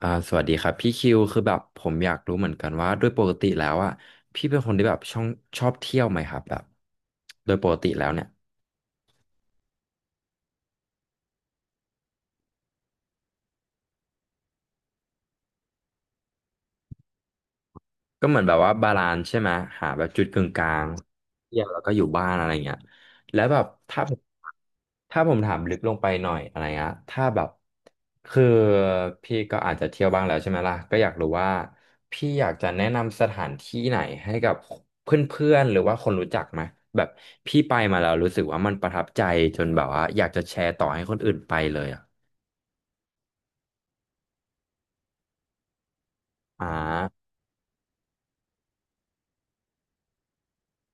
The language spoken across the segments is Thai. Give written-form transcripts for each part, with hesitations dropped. สวัสดีครับพี่คิวคือแบบผมอยากรู้เหมือนกันว่าด้วยปกติแล้วอ่ะพี่เป็นคนที่แบบช่องชอบเที่ยวไหมครับแบบโดยปกติแล้วเนี่ย ก็เหมือนแบบว่าบาลานซ์ใช่ไหมหาแบบจุดกึ่งกลางเที่ยวแล้วก็อยู่บ้านอะไรเงี้ยแล้วแบบถ้าผมถามลึกลงไปหน่อยอะไรเงี้ยถ้าแบบคือพี่ก็อาจจะเที่ยวบ้างแล้วใช่ไหมล่ะก็อยากรู้ว่าพี่อยากจะแนะนำสถานที่ไหนให้กับเพื่อนๆหรือว่าคนรู้จักไหมแบบพี่ไปมาแล้วรู้สึกว่ามันประทับใจจนแบบว่าอยากจะแชร์ต่อให้คนอื่นไปเลยอ่ะอ่า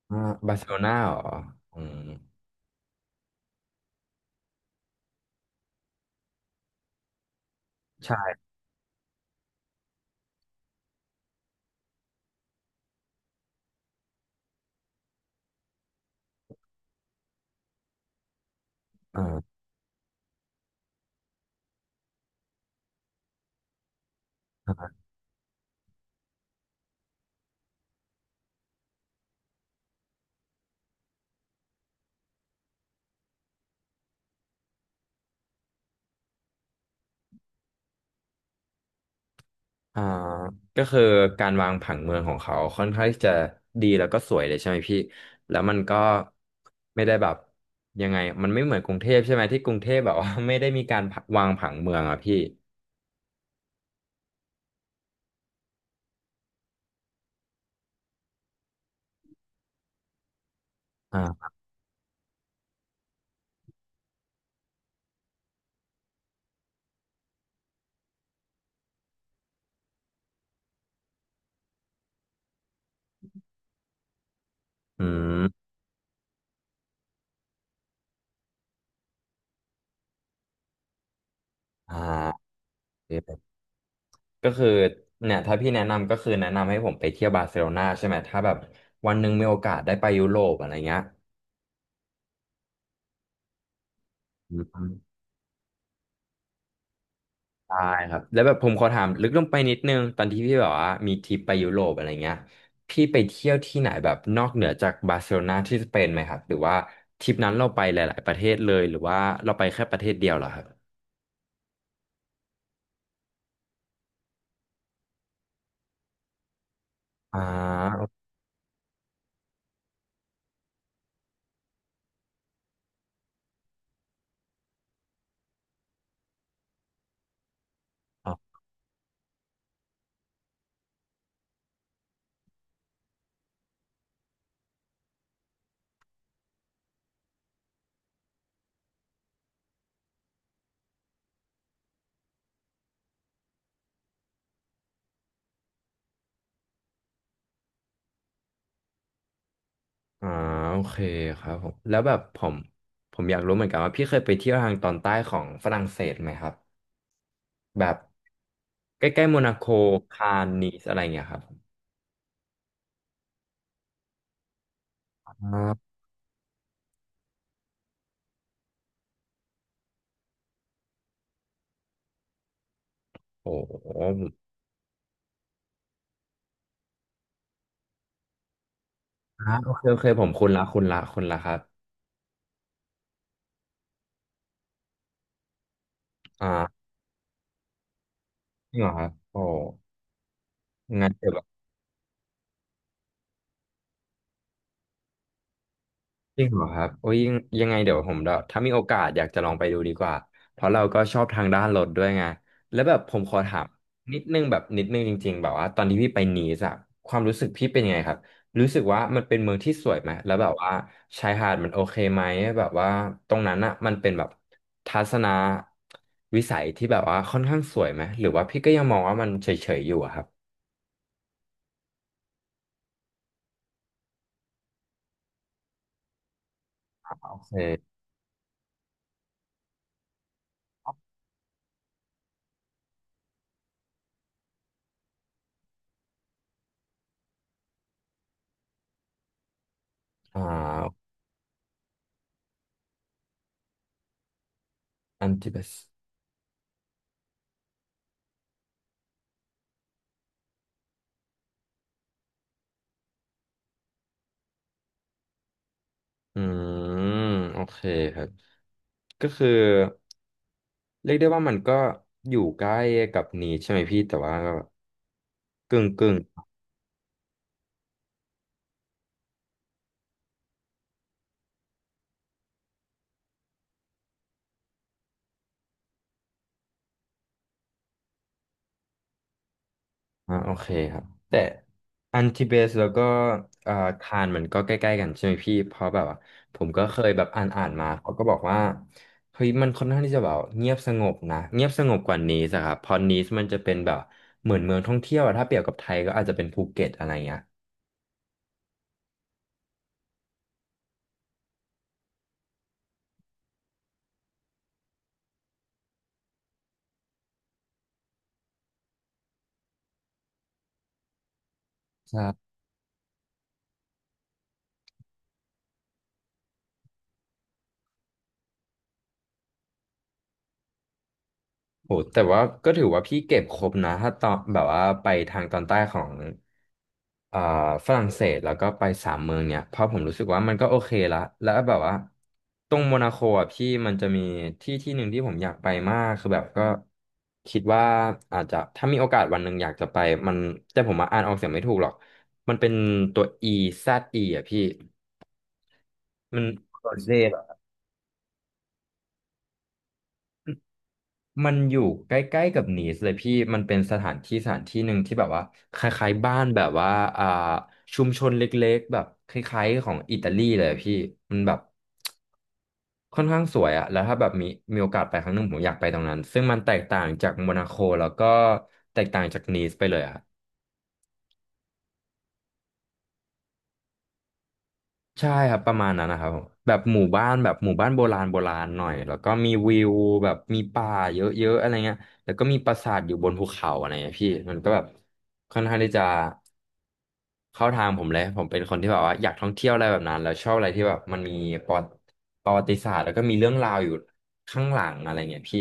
อ่าบาร์เซโลนาเหรออืมใช่อ่า อ่าก็คือการวางผังเมืองของเขาค่อนข้างที่จะดีแล้วก็สวยเลยใช่ไหมพี่แล้วมันก็ไม่ได้แบบยังไงมันไม่เหมือนกรุงเทพใช่ไหมที่กรุงเทพแบบว่า ไม่ได้มีการวางผังเมืองอะพี่อ่าอืมอ่าโอเคก็คือเนี่ยถ้าพี่แนะนำก็คือแนะนำให้ผมไปเที่ยวบาร์เซโลนาใช่ไหมถ้าแบบวันหนึ่งมีโอกาสได้ไปยุโรปอะไรเงี้ยอืม ใช่ครับแล้วแบบผมขอถามลึกลงไปนิดนึงตอนที่พี่แบบว่ามีทริปไปยุโรปอะไรเงี้ยพี่ไปเที่ยวที่ไหนแบบนอกเหนือจากบาร์เซโลนาที่สเปนไหมครับหรือว่าทริปนั้นเราไปหลายๆประเทศเลยหรือว่าเราไปแค่ประเทศเดียวเหรอครับอ่าอ๋ออ่าโอเคครับผมแล้วแบบผมอยากรู้เหมือนกันว่าพี่เคยไปเที่ยวทางตอนใต้ของฝรั่งเศสไหมครับแบบใกล้ๆโมนาโกคานนีสอะไรเงี้ยครับอ่าโอ้โหอ่าโอเคโอเคผมคุณละคุณละคุณละครับอ่า จริงเหรอครับโอ้งั้นเดี๋ยวแบบจริงเหรอครับโอ้ยยังไงเดี๋ยวผมเดี๋ยวถ้ามีโอกาสอยากจะลองไปดูดีกว่าเพราะเราก็ชอบทางด้านรถด้วยไงแล้วแบบผมขอถามนิดนึงแบบนิดนึงจริงๆแบบว่าตอนที่พี่ไปนีสอะความรู้สึกพี่เป็นยังไงครับรู้สึกว่ามันเป็นเมืองที่สวยไหมแล้วแบบว่าชายหาดมันโอเคไหมแบบว่าตรงนั้นอะมันเป็นแบบทัศนวิสัยที่แบบว่าค่อนข้างสวยไหมหรือว่าพี่ก็ยังมองว่ามันเฉยๆอยู่อะครับโอเคอ่าอันที่เบส อืมโอเคครับก็คือเรียกได้ว่ามันก็อยู่ใกล้กับนี้ใช่ไหมพี่แต่ว่าก็กึ่งกึ่งอ่าโอเคครับแต่อันทิเบสแล้วก็เอ่อคานมันก็ใกล้ๆกันใช่ไหมพี่เพราะแบบว่าผมก็เคยแบบอ่านมาเขาก็บอกว่าเฮ้ยมันค่อนข้างที่จะแบบเงียบสงบนะเงียบสงบกว่านีสอะครับเพราะนีสมันจะเป็นแบบเหมือนเมืองท่องเที่ยวอะถ้าเปรียบกับไทยก็อาจจะเป็นภูเก็ตอะไรเงี้ยใช่ โหแต่ว่าก็ถือว่าพี่เก็บครบนะถ้าตอนแบบว่าไปทางตอนใต้ของอ่าฝรั่งเศสแล้วก็ไป3 เมืองเนี่ยเพราะผมรู้สึกว่ามันก็โอเคละแล้วแบบว่าตรงโมนาโคอ่ะพี่มันจะมีที่ที่หนึ่งที่ผมอยากไปมากคือแบบก็คิดว่าอาจจะถ้ามีโอกาสวันหนึ่งอยากจะไปมันแต่ผมมาอ่านออกเสียงไม่ถูกหรอกมันเป็นตัว Eze อ่ะพี่มันโรเซ มันอยู่ใกล้ๆกับนีสเลยพี่ มันเป็นสถานที่หนึ่งที่แบบว่าคล้ายๆบ้านแบบว่าอ่าชุมชนเล็กๆแบบคล้ายๆของอิตาลีเลยอะพี่ มันแบบค่อนข้างสวยอะแล้วถ้าแบบมีโอกาสไปครั้งหนึ่งผมอยากไปตรงนั้น ซึ่งมันแตกต่างจากโมนาโคแล้วก็แตกต่างจากนีสไปเลยอะ ใช่ครับประมาณนั้นนะครับผมแบบหมู่บ้านแบบหมู่บ้านโบราณโบราณหน่อยแล้วก็มีวิวแบบมีป่าเยอะๆอะไรเงี้ยแล้วก็มีปราสาทอยู่บนภูเขาอะไรเงี้ยพี่มันก็แบบค่อนข้างที่จะเข้าทางผมเลยผมเป็นคนที่แบบว่าอยากท่องเที่ยวอะไรแบบนั้นแล้วชอบอะไรที่แบบมันมีประวัติประวัติศาสตร์แล้วก็มีเรื่องราวอยู่ข้างหลังอะไรเงี้ยพี่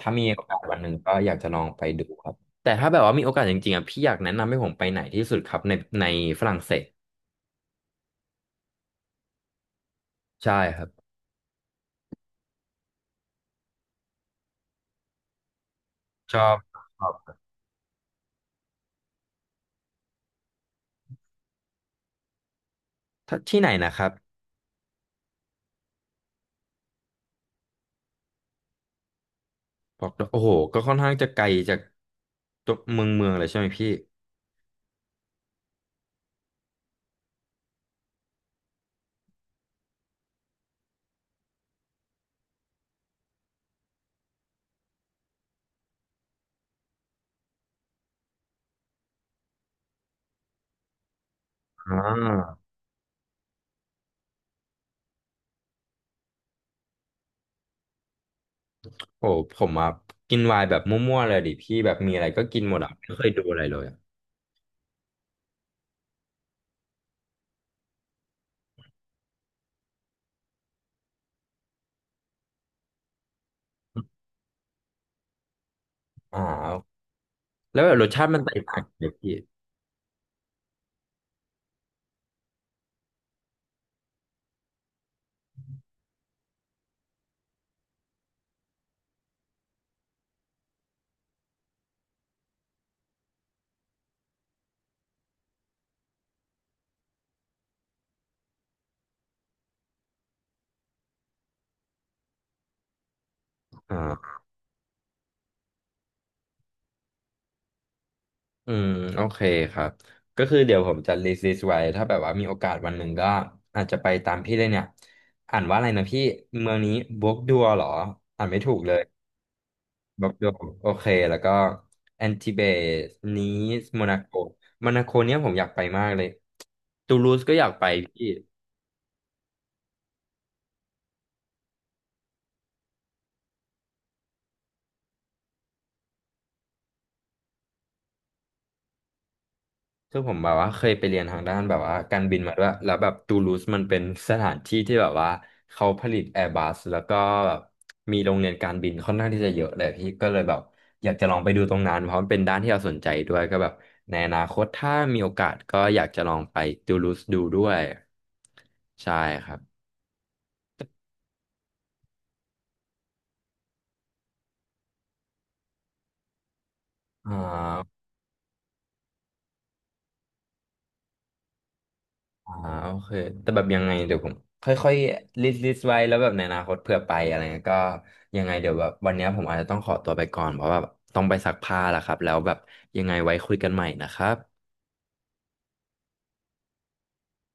ถ้ามีโอกาสวันหนึ่งก็อยากจะลองไปดูครับแต่ถ้าแบบว่ามีโอกาสจริงๆอ่ะพี่อยากแนะนำให้ผมไปไหนที่สุดครับในในฝรั่งเศสใช่ครับชอบ ถ้าที่ไหนนะครับบอกดโอ้โหก็ค่อนข้างจะไกลจากตัวเมืองเลยใช่ไหมพี่อ่าโอ้ผมอ่ะกินไวน์แบบมั่วๆเลยดิพี่แบบมีอะไรก็กินหมดอ่ะไม่เคยดูอะไรเลยอะอ่าแล้วแบบรสชาติมันแตกต่างกันเลยพี่อ่าอืมโอเคครับก็คือเดี๋ยวผมจะ list ไว้ถ้าแบบว่ามีโอกาสวันหนึ่งก็อาจจะไปตามพี่เลยเนี่ยอ่านว่าอะไรนะพี่เมืองนี้บวกดัวเหรออ่านไม่ถูกเลย บล็อกโดโอเคแล้วก็แอนติเบสนีสโมนาโกโมนาโกเนี่ยผมอยากไปมากเลยตูลูสก็อยากไปพี่คือผมแบบว่าเคยไปเรียนทางด้านแบบว่าการบินมาด้วยแล้วแบบตูลูสมันเป็นสถานที่ที่แบบว่าเขาผลิตแอร์บัสแล้วก็แบบมีโรงเรียนการบินค่อนข้างที่จะเยอะเลยพี่ก็เลยแบบอยากจะลองไปดูตรงนั้นเพราะมันเป็นด้านที่เราสนใจด้วยก็แบบในอนาคตถ้ามีโอกาสก็อยากจะลองไปตูลูสดูด้วยใช่ครับอ่า อ่าโอเค แต่แบบยังไงเดี๋ยวผมค่อยๆ ลิสต์ไว้แล้วแบบในอนาคตเผื่อไปอะไรเงี้ยก็ยังไงเดี๋ยวแบบวันเนี้ยผมอาจจะต้องขอตัวไปก่อนเพราะว่าต้องไปซักผ้าแล้วครับ แล้วแบบยังไงไว้คุยกันใหม่นะครับ